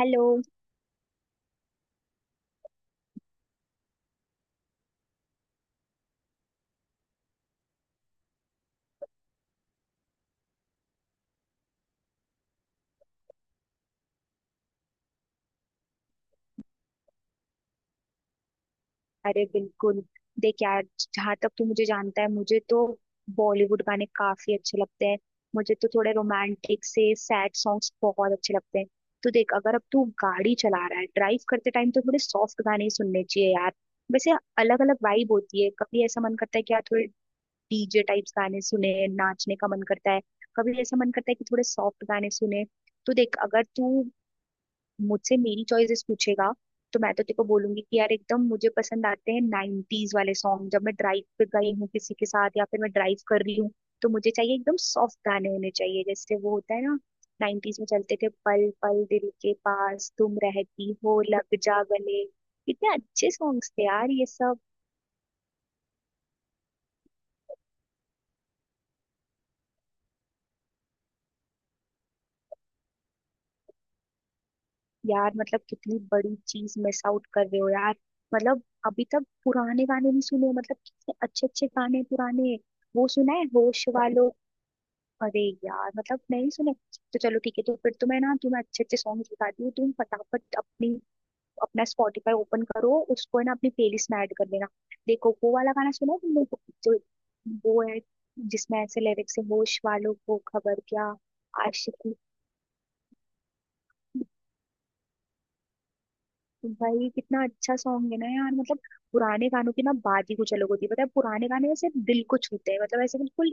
Hello. अरे बिल्कुल, देख यार, जहाँ तक तू मुझे जानता है, मुझे तो बॉलीवुड गाने काफी अच्छे लगते हैं। मुझे तो थोड़े रोमांटिक से सैड सॉन्ग्स बहुत अच्छे लगते हैं। तो देख, अगर अब तू गाड़ी चला रहा है, ड्राइव करते टाइम तो थोड़े सॉफ्ट गाने ही सुनने चाहिए यार। वैसे अलग अलग वाइब होती है, कभी ऐसा मन करता है कि यार थोड़े डीजे टाइप्स गाने सुने, नाचने का मन करता है। कभी ऐसा मन करता है कि थोड़े सॉफ्ट गाने सुने। तो देख, अगर तू मुझसे मेरी चॉइसेस पूछेगा तो मैं तो तेको बोलूंगी कि यार एकदम मुझे पसंद आते हैं 90s वाले सॉन्ग। जब मैं ड्राइव पे गई हूँ किसी के साथ या फिर मैं ड्राइव कर रही हूँ तो मुझे चाहिए एकदम सॉफ्ट गाने होने चाहिए, जैसे वो होता है ना 90s में चलते थे, पल पल दिल के पास, तुम रहती हो, लग जा गले। कितने अच्छे सॉन्ग्स थे यार ये सब। यार मतलब कितनी बड़ी चीज मिस आउट कर रहे हो यार। मतलब अभी तक पुराने गाने नहीं सुने, मतलब कितने अच्छे अच्छे गाने पुराने। वो सुना है, होश वालों? अरे यार, मतलब नहीं सुने? तो चलो ठीक है, तो फिर तो मैं ना तुम्हें अच्छे अच्छे सॉन्ग बताती हूँ, तुम फटाफट अपनी अपना स्पॉटिफाई ओपन करो उसको, है ना, अपनी प्लेलिस्ट में ऐड कर लेना। देखो, वो वाला गाना सुना है तुमने जो, वो है जिसमें ऐसे लिरिक्स है, होश वालों को खबर क्या। आशिकी। भाई, कितना अच्छा सॉन्ग है ना यार। मतलब पुराने गानों की ना बात ही कुछ अलग होती है। पता है, पुराने गाने ऐसे दिल को छूते हैं, मतलब ऐसे बिल्कुल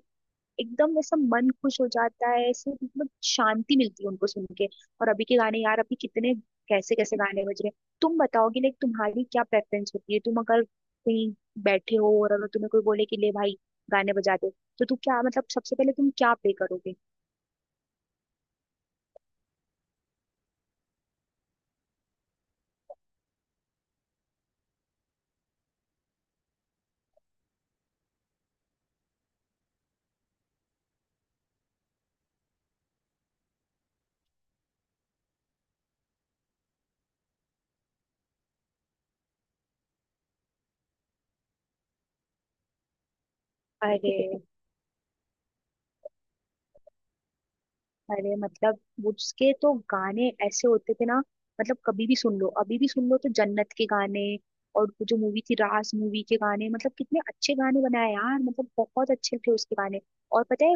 एकदम ऐसा मन खुश हो जाता है ऐसे, मतलब शांति मिलती है उनको सुन के। और अभी के गाने यार, अभी कितने कैसे कैसे गाने बज रहे हैं। तुम बताओगे, लाइक तुम्हारी क्या प्रेफरेंस होती है। तुम अगर कहीं बैठे हो और अगर तुम्हें कोई बोले कि ले भाई, गाने बजा दे, तो तू क्या, मतलब सबसे पहले तुम क्या प्ले करोगे? अरे, अरे मतलब उसके तो गाने ऐसे होते थे ना, मतलब कभी भी सुन लो, अभी भी सुन लो, तो जन्नत के गाने। और वो जो मूवी थी, रास मूवी के गाने, मतलब कितने अच्छे गाने बनाए यार, मतलब बहुत अच्छे थे उसके गाने। और पता है,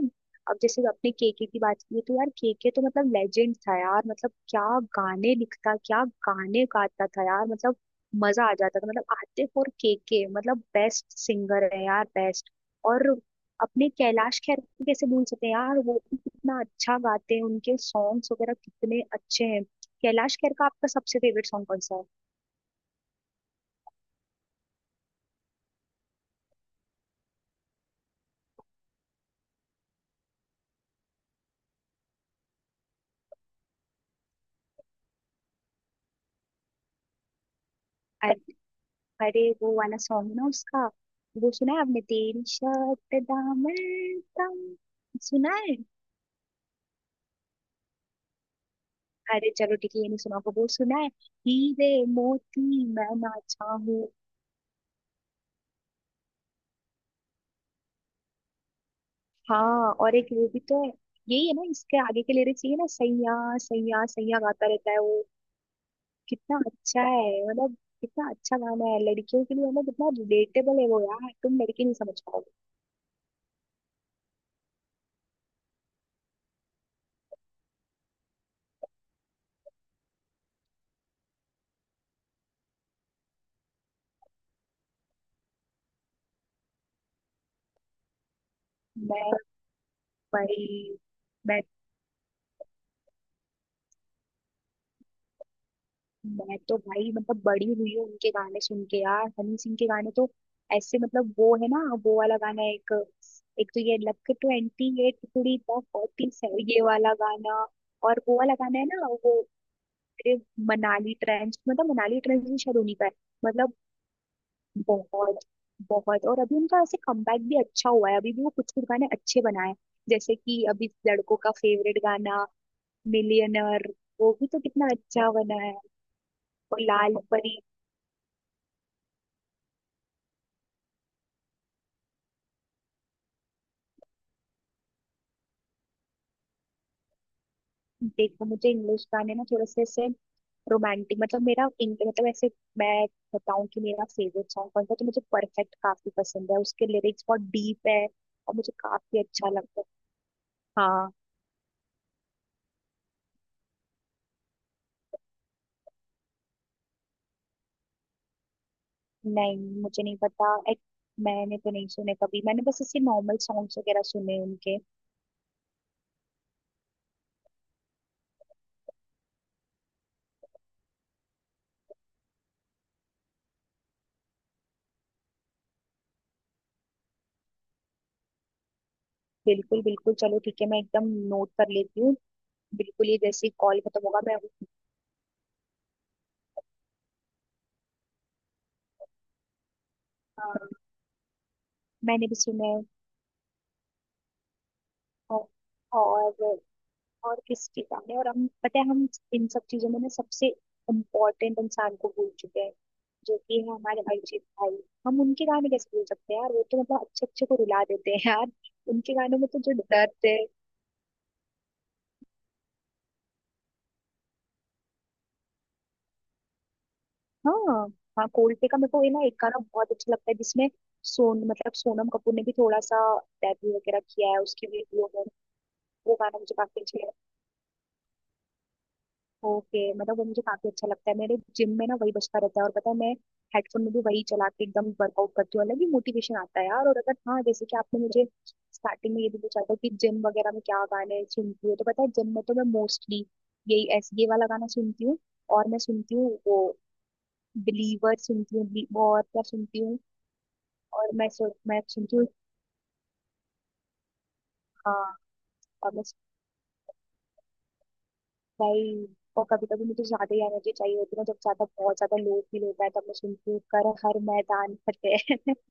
अब जैसे अपने केके की बात की तो यार केके तो मतलब लेजेंड था यार। मतलब क्या गाने लिखता, क्या गाने गाता था यार, मतलब मजा आ जाता था। मतलब आतिफ और केके मतलब बेस्ट सिंगर है यार, बेस्ट। और अपने कैलाश खेर को कैसे भूल सकते हैं यार, वो भी कितना अच्छा गाते हैं, उनके सॉन्ग्स वगैरह कितने अच्छे हैं। कैलाश खेर का आपका सबसे फेवरेट सॉन्ग कौन सा है? अरे, अरे, वो वाला सॉन्ग है ना उसका, वो सुना है आपने, तेरी शर्ट दामन तम? सुना है? अरे चलो ठीक है, ये नहीं सुना होगा, वो सुना है, हीरे मोती मैं नाचा हूँ? हाँ और एक वो भी तो है, यही है ना इसके आगे के लिरिक्स, ये है ना, सैया सैया सैया गाता रहता है वो। कितना अच्छा है, मतलब कितना अच्छा गाना है लड़कियों के लिए, मतलब कितना रिलेटेबल है वो यार, तुम लड़के नहीं समझ पाओगे। मैं भाई मैं मैं तो भाई, मतलब बड़ी हुई हूँ उनके गाने सुन के यार। हनी सिंह के गाने तो ऐसे, मतलब वो है ना, वो वाला गाना, एक एक तो ये लक ट्वेंटी एट थोड़ी द फोर्टी सेवन, ये वाला गाना। और वो वाला गाना है ना, वो तेरे मनाली ट्रेंच, मतलब मनाली ट्रेंच भी शायद उन्हीं का है। मतलब बहुत बहुत। और अभी उनका ऐसे कमबैक भी अच्छा हुआ है, अभी भी वो कुछ कुछ गाने अच्छे बनाए हैं। जैसे कि अभी लड़कों का फेवरेट गाना मिलियनर, वो भी तो कितना अच्छा बना है। और लाल परी। देखो, मुझे इंग्लिश गाने ना थोड़े से ऐसे रोमांटिक, मतलब मेरा मतलब ऐसे, मैं बताऊं कि मेरा फेवरेट सॉन्ग कौन सा है, तो मुझे परफेक्ट काफी पसंद है, उसके लिरिक्स बहुत डीप है और मुझे काफी अच्छा लगता है। हाँ। नहीं मुझे नहीं पता. मैंने तो नहीं सुने कभी, मैंने बस इसके नॉर्मल सॉन्ग्स वगैरह सुने हैं उनके। बिल्कुल बिल्कुल, चलो ठीक है, मैं एकदम नोट कर लेती हूँ। बिल्कुल, ये जैसे कॉल खत्म होगा मैं... अ, मैंने भी सुने हैं। औ- और और किसके गाने, और हम पता है, हम इन सब चीजों में ना सबसे इम्पोर्टेंट इंसान को भूल चुके हैं, जो कि है हमारे अरिजीत भाई। हम उनके गाने कैसे भूल सकते हैं यार, वो तो मतलब अच्छे अच्छे को रुला देते हैं यार, उनके गानों में तो जो दर्द है। हाँ। हाँ, कोल्टे का मेरे को ये ना एक गाना बहुत अच्छा लगता है, जिसमें सोन मतलब सोनम कपूर ने भी थोड़ा सा डेब्यू वगैरह किया है उसकी वीडियो में। वो गाना मुझे काफी अच्छा है। ओके, मतलब वो मुझे काफी अच्छा लगता है, मेरे जिम में ना वही बजता रहता है। और पता है, मैं हेडफोन में भी वही चला के एकदम वर्कआउट करती हूँ, अलग ही मोटिवेशन आता है यार। और अगर, हाँ जैसे कि आपने मुझे स्टार्टिंग में ये भी पूछा था कि जिम वगैरह में क्या गाने सुनती हूँ, तो पता है जिम में तो मैं मोस्टली यही ऐसे ये वाला गाना सुनती हूँ और मैं सुनती हूँ वो बिलीवर सुनती हूँ, और क्या सुनती हूँ, और मैं सुनती हूँ। हाँ। और मैं, भाई, और कभी कभी मुझे ज्यादा ही एनर्जी चाहिए होती है ना, जब ज्यादा बहुत ज्यादा लो फील होता है, तब मैं सुनती हूँ कर हर मैदान फतेह।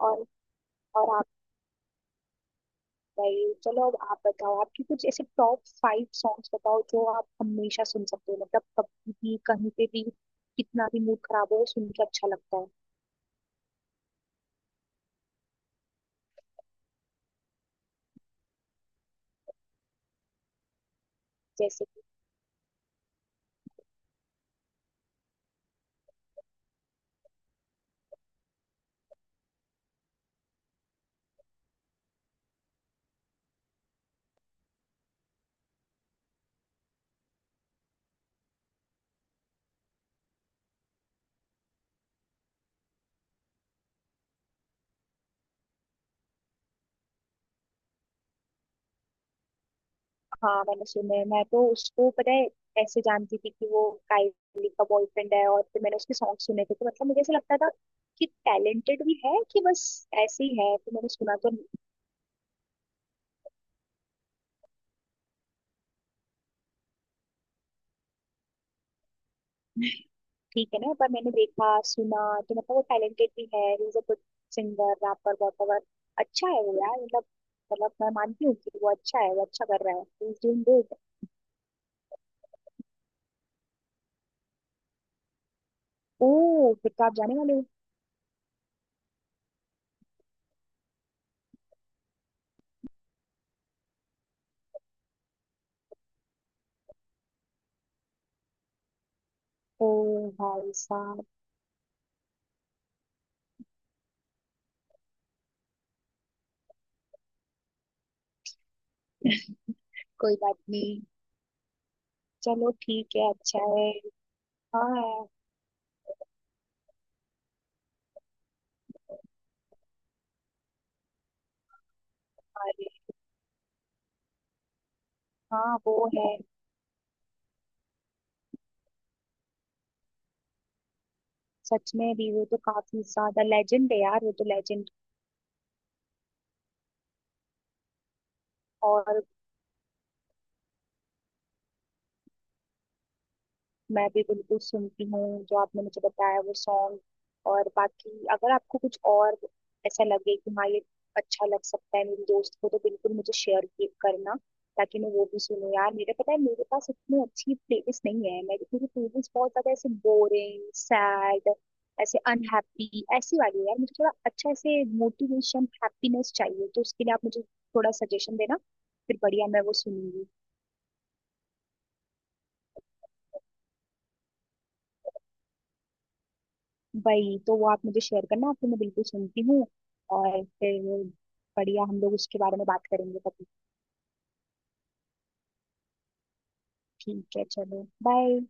और और आप, भाई चलो, अब आप बताओ आपकी कुछ ऐसे टॉप फाइव सॉन्ग्स बताओ जो आप हमेशा सुन सकते हो, मतलब कभी भी कहीं पे भी, कितना भी मूड खराब हो सुन के अच्छा लगता है। जैसे? हाँ मैंने सुना है। मैं तो उसको पता है ऐसे जानती थी कि वो काइली का बॉयफ्रेंड है, और फिर मैंने उसके सॉन्ग सुने थे, तो मतलब मुझे ऐसा लगता था कि टैलेंटेड भी है कि बस ऐसे ही है, तो मैंने सुना तो। ठीक है ना, पर मैंने देखा, सुना, तो मतलब वो टैलेंटेड भी है, he is a good singer rapper वॉपर। अच्छा है वो यार, मतलब मतलब मैं मानती हूँ कि वो अच्छा है, वो अच्छा कर रहा है, ही इज डूइंग गुड। ओ फिर तो आप जाने वाले हो? ओ भाई साहब। कोई बात नहीं। चलो ठीक है, अच्छा है। हाँ। यार, हाँ वो है। सच में भी, वो तो काफी ज्यादा लेजेंड है यार, वो तो लेजेंड। और मैं भी बिल्कुल सुनती हूँ जो आपने मुझे बताया वो सॉन्ग। और बाकी अगर आपको कुछ और ऐसा लगे कि हाँ ये अच्छा लग सकता है मेरी दोस्त को, तो बिल्कुल मुझे शेयर करना, ताकि मैं वो भी सुनूँ यार। मेरे, पता है, मेरे पास इतनी अच्छी प्लेलिस्ट नहीं है, मेरी मेरी प्लेलिस्ट बहुत ज्यादा ऐसे बोरिंग सैड ऐसे अनहैप्पी ऐसी वाली है यार। मुझे थोड़ा अच्छा ऐसे मोटिवेशन, हैप्पीनेस चाहिए, तो उसके लिए आप मुझे थोड़ा सजेशन देना, फिर बढ़िया मैं वो सुनूंगी। वही तो, वो आप मुझे शेयर करना, आपको मैं बिल्कुल सुनती हूँ। और फिर बढ़िया हम लोग उसके बारे में बात करेंगे कभी। ठीक है, चलो, बाय।